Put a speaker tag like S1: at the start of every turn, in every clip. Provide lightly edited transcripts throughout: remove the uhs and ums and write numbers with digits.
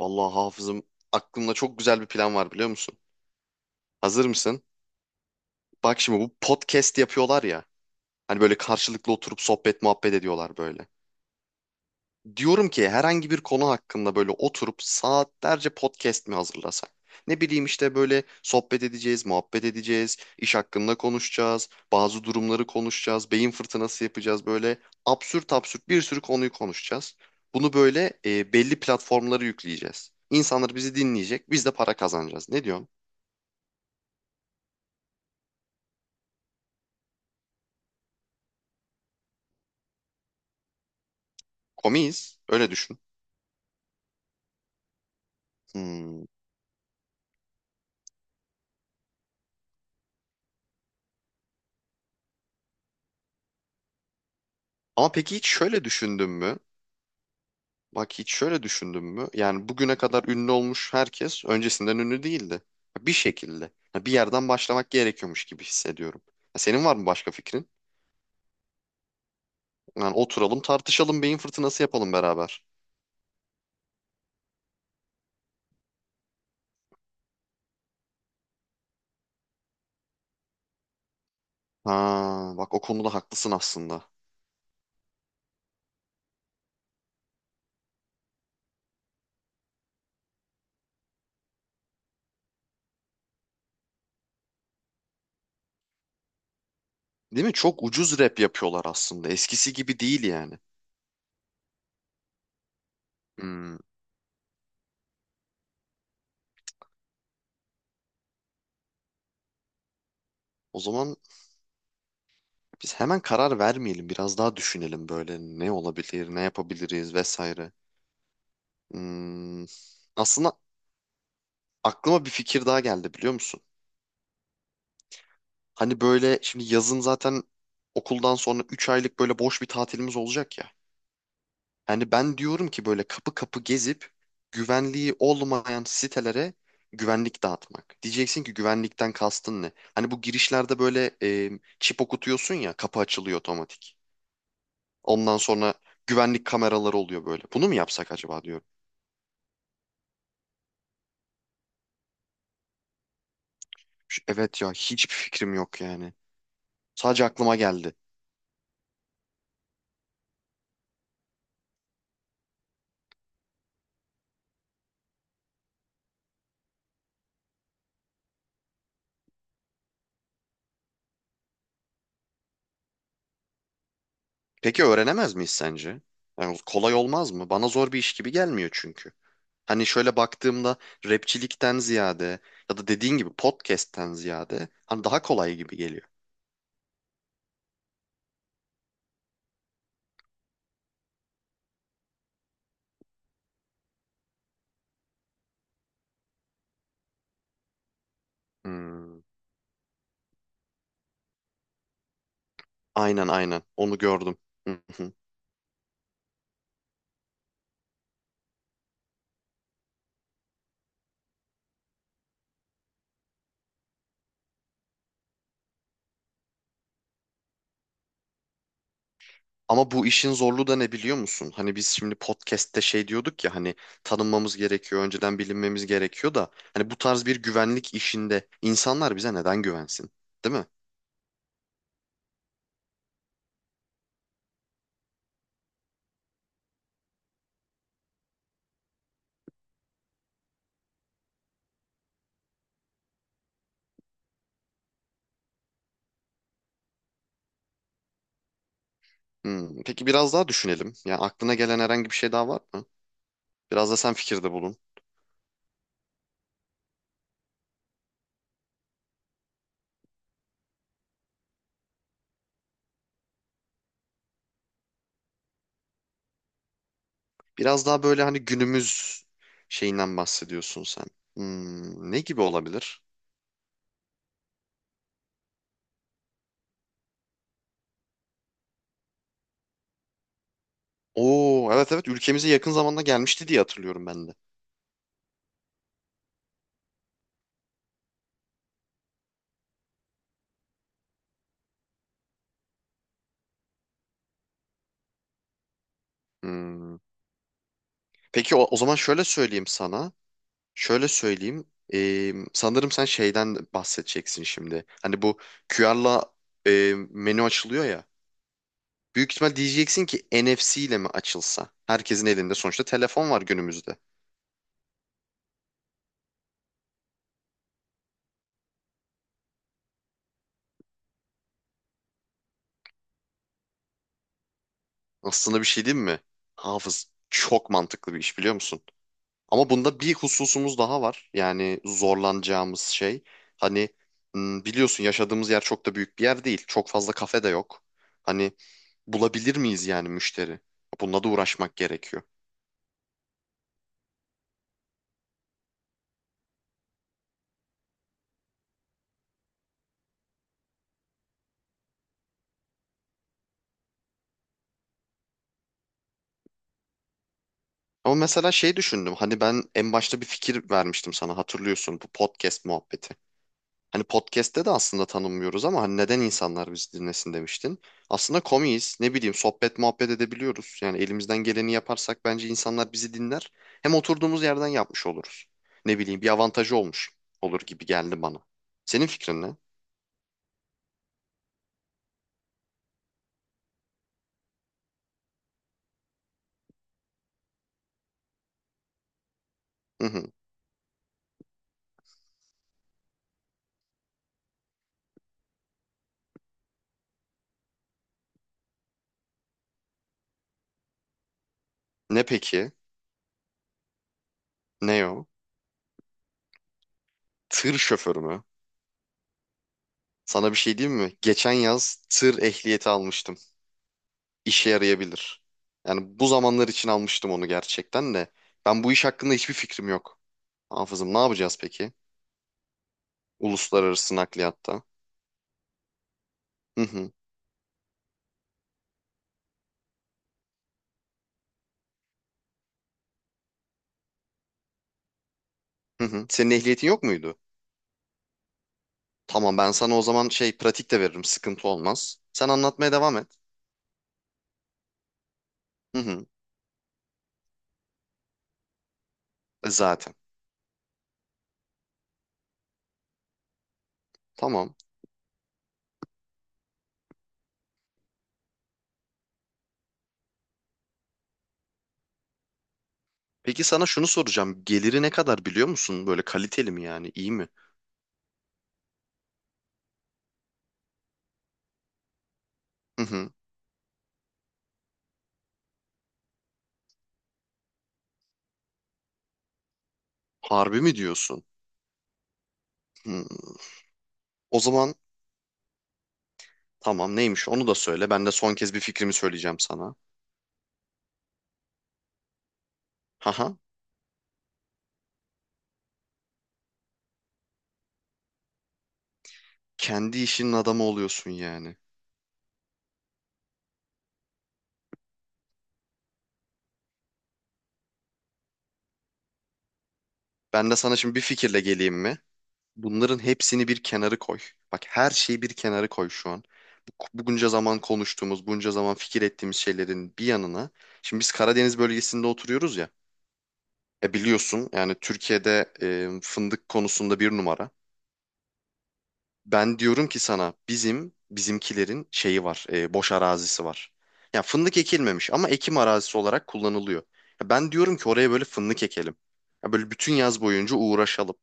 S1: Vallahi hafızım aklımda çok güzel bir plan var biliyor musun? Hazır mısın? Bak şimdi bu podcast yapıyorlar ya. Hani böyle karşılıklı oturup sohbet muhabbet ediyorlar böyle. Diyorum ki herhangi bir konu hakkında böyle oturup saatlerce podcast mi hazırlasak? Ne bileyim işte böyle sohbet edeceğiz, muhabbet edeceğiz, iş hakkında konuşacağız, bazı durumları konuşacağız, beyin fırtınası yapacağız böyle absürt absürt bir sürü konuyu konuşacağız. Bunu böyle belli platformlara yükleyeceğiz. İnsanlar bizi dinleyecek, biz de para kazanacağız. Ne diyorsun? Komiyiz. Öyle düşün. Hmm. Ama peki hiç şöyle düşündün mü? Bak hiç şöyle düşündün mü? Yani bugüne kadar ünlü olmuş herkes öncesinden ünlü değildi. Bir şekilde. Yani bir yerden başlamak gerekiyormuş gibi hissediyorum. Senin var mı başka fikrin? Yani oturalım tartışalım beyin fırtınası yapalım beraber. Ha, bak o konuda haklısın aslında. Değil mi? Çok ucuz rap yapıyorlar aslında. Eskisi gibi değil yani. Hmm. O zaman biz hemen karar vermeyelim. Biraz daha düşünelim böyle ne olabilir, ne yapabiliriz vesaire. Hmm, aslında aklıma bir fikir daha geldi biliyor musun? Hani böyle şimdi yazın zaten okuldan sonra 3 aylık böyle boş bir tatilimiz olacak ya. Hani ben diyorum ki böyle kapı kapı gezip güvenliği olmayan sitelere güvenlik dağıtmak. Diyeceksin ki güvenlikten kastın ne? Hani bu girişlerde böyle çip okutuyorsun ya kapı açılıyor otomatik. Ondan sonra güvenlik kameraları oluyor böyle. Bunu mu yapsak acaba diyorum. Evet ya hiçbir fikrim yok yani. Sadece aklıma geldi. Peki öğrenemez miyiz sence? Yani kolay olmaz mı? Bana zor bir iş gibi gelmiyor çünkü. Hani şöyle baktığımda rapçilikten ziyade ya da dediğin gibi podcast'ten ziyade hani daha kolay gibi geliyor. Hmm, Aynen aynen onu gördüm. Hı hı. Ama bu işin zorluğu da ne biliyor musun? Hani biz şimdi podcast'te şey diyorduk ya hani tanınmamız gerekiyor, önceden bilinmemiz gerekiyor da hani bu tarz bir güvenlik işinde insanlar bize neden güvensin, değil mi? Peki biraz daha düşünelim. Yani aklına gelen herhangi bir şey daha var mı? Biraz da sen fikirde bulun. Biraz daha böyle hani günümüz şeyinden bahsediyorsun sen. Ne gibi olabilir? Oo evet evet ülkemize yakın zamanda gelmişti diye hatırlıyorum ben de. Hmm. Peki o zaman şöyle söyleyeyim sana. Şöyle söyleyeyim. Sanırım sen şeyden bahsedeceksin şimdi. Hani bu QR'la menü açılıyor ya. Büyük ihtimal diyeceksin ki NFC ile mi açılsa? Herkesin elinde sonuçta telefon var günümüzde. Aslında bir şey değil mi? Hafız çok mantıklı bir iş biliyor musun? Ama bunda bir hususumuz daha var. Yani zorlanacağımız şey. Hani biliyorsun yaşadığımız yer çok da büyük bir yer değil. Çok fazla kafe de yok. Hani bulabilir miyiz yani müşteri? Bununla da uğraşmak gerekiyor. Ama mesela şey düşündüm. Hani ben en başta bir fikir vermiştim sana hatırlıyorsun bu podcast muhabbeti. Hani podcast'te de aslında tanınmıyoruz ama hani neden insanlar bizi dinlesin demiştin. Aslında komiyiz. Ne bileyim sohbet muhabbet edebiliyoruz. Yani elimizden geleni yaparsak bence insanlar bizi dinler. Hem oturduğumuz yerden yapmış oluruz. Ne bileyim bir avantajı olmuş olur gibi geldi bana. Senin fikrin ne? Hı hı. Ne peki? Ne o? Tır şoförü mü? Sana bir şey diyeyim mi? Geçen yaz tır ehliyeti almıştım. İşe yarayabilir. Yani bu zamanlar için almıştım onu gerçekten de. Ben bu iş hakkında hiçbir fikrim yok. Hafızım ne yapacağız peki? Uluslararası nakliyatta. Hı hı. Hı hı. Senin ehliyetin yok muydu? Tamam ben sana o zaman şey pratik de veririm. Sıkıntı olmaz. Sen anlatmaya devam et. Hı hı. Zaten. Tamam. Peki sana şunu soracağım. Geliri ne kadar biliyor musun? Böyle kaliteli mi yani? İyi mi? Hı hı. Harbi mi diyorsun? Hı. O zaman tamam neymiş onu da söyle. Ben de son kez bir fikrimi söyleyeceğim sana. Haha. Kendi işinin adamı oluyorsun yani. Ben de sana şimdi bir fikirle geleyim mi? Bunların hepsini bir kenarı koy. Bak her şeyi bir kenarı koy şu an. Bu- bu Bunca zaman konuştuğumuz, bunca zaman fikir ettiğimiz şeylerin bir yanına. Şimdi biz Karadeniz bölgesinde oturuyoruz ya. E biliyorsun yani Türkiye'de fındık konusunda bir numara. Ben diyorum ki sana bizimkilerin şeyi var, boş arazisi var. Ya fındık ekilmemiş ama ekim arazisi olarak kullanılıyor. Ya ben diyorum ki oraya böyle fındık ekelim. Ya böyle bütün yaz boyunca uğraşalım.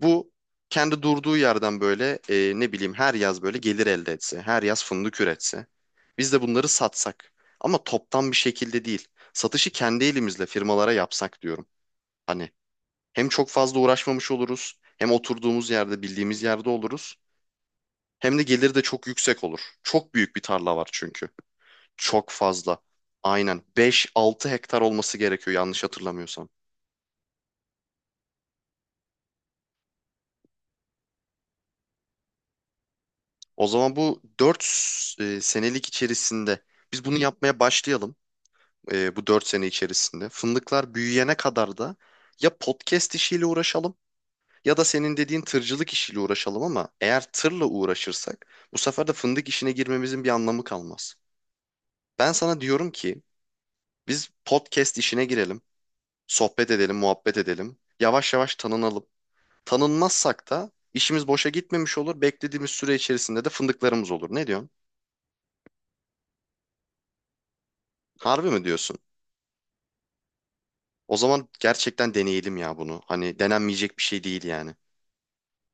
S1: Bu kendi durduğu yerden böyle ne bileyim her yaz böyle gelir elde etse, her yaz fındık üretse. Biz de bunları satsak ama toptan bir şekilde değil. Satışı kendi elimizle firmalara yapsak diyorum. Hani hem çok fazla uğraşmamış oluruz, hem oturduğumuz yerde bildiğimiz yerde oluruz, hem de gelir de çok yüksek olur. Çok büyük bir tarla var çünkü. Çok fazla. Aynen 5-6 hektar olması gerekiyor yanlış hatırlamıyorsam. O zaman bu 4 senelik içerisinde biz bunu yapmaya başlayalım. Bu 4 sene içerisinde. Fındıklar büyüyene kadar da ya podcast işiyle uğraşalım ya da senin dediğin tırcılık işiyle uğraşalım ama eğer tırla uğraşırsak bu sefer de fındık işine girmemizin bir anlamı kalmaz. Ben sana diyorum ki biz podcast işine girelim, sohbet edelim, muhabbet edelim, yavaş yavaş tanınalım. Tanınmazsak da işimiz boşa gitmemiş olur, beklediğimiz süre içerisinde de fındıklarımız olur. Ne diyorsun? Harbi mi diyorsun? O zaman gerçekten deneyelim ya bunu. Hani denenmeyecek bir şey değil yani.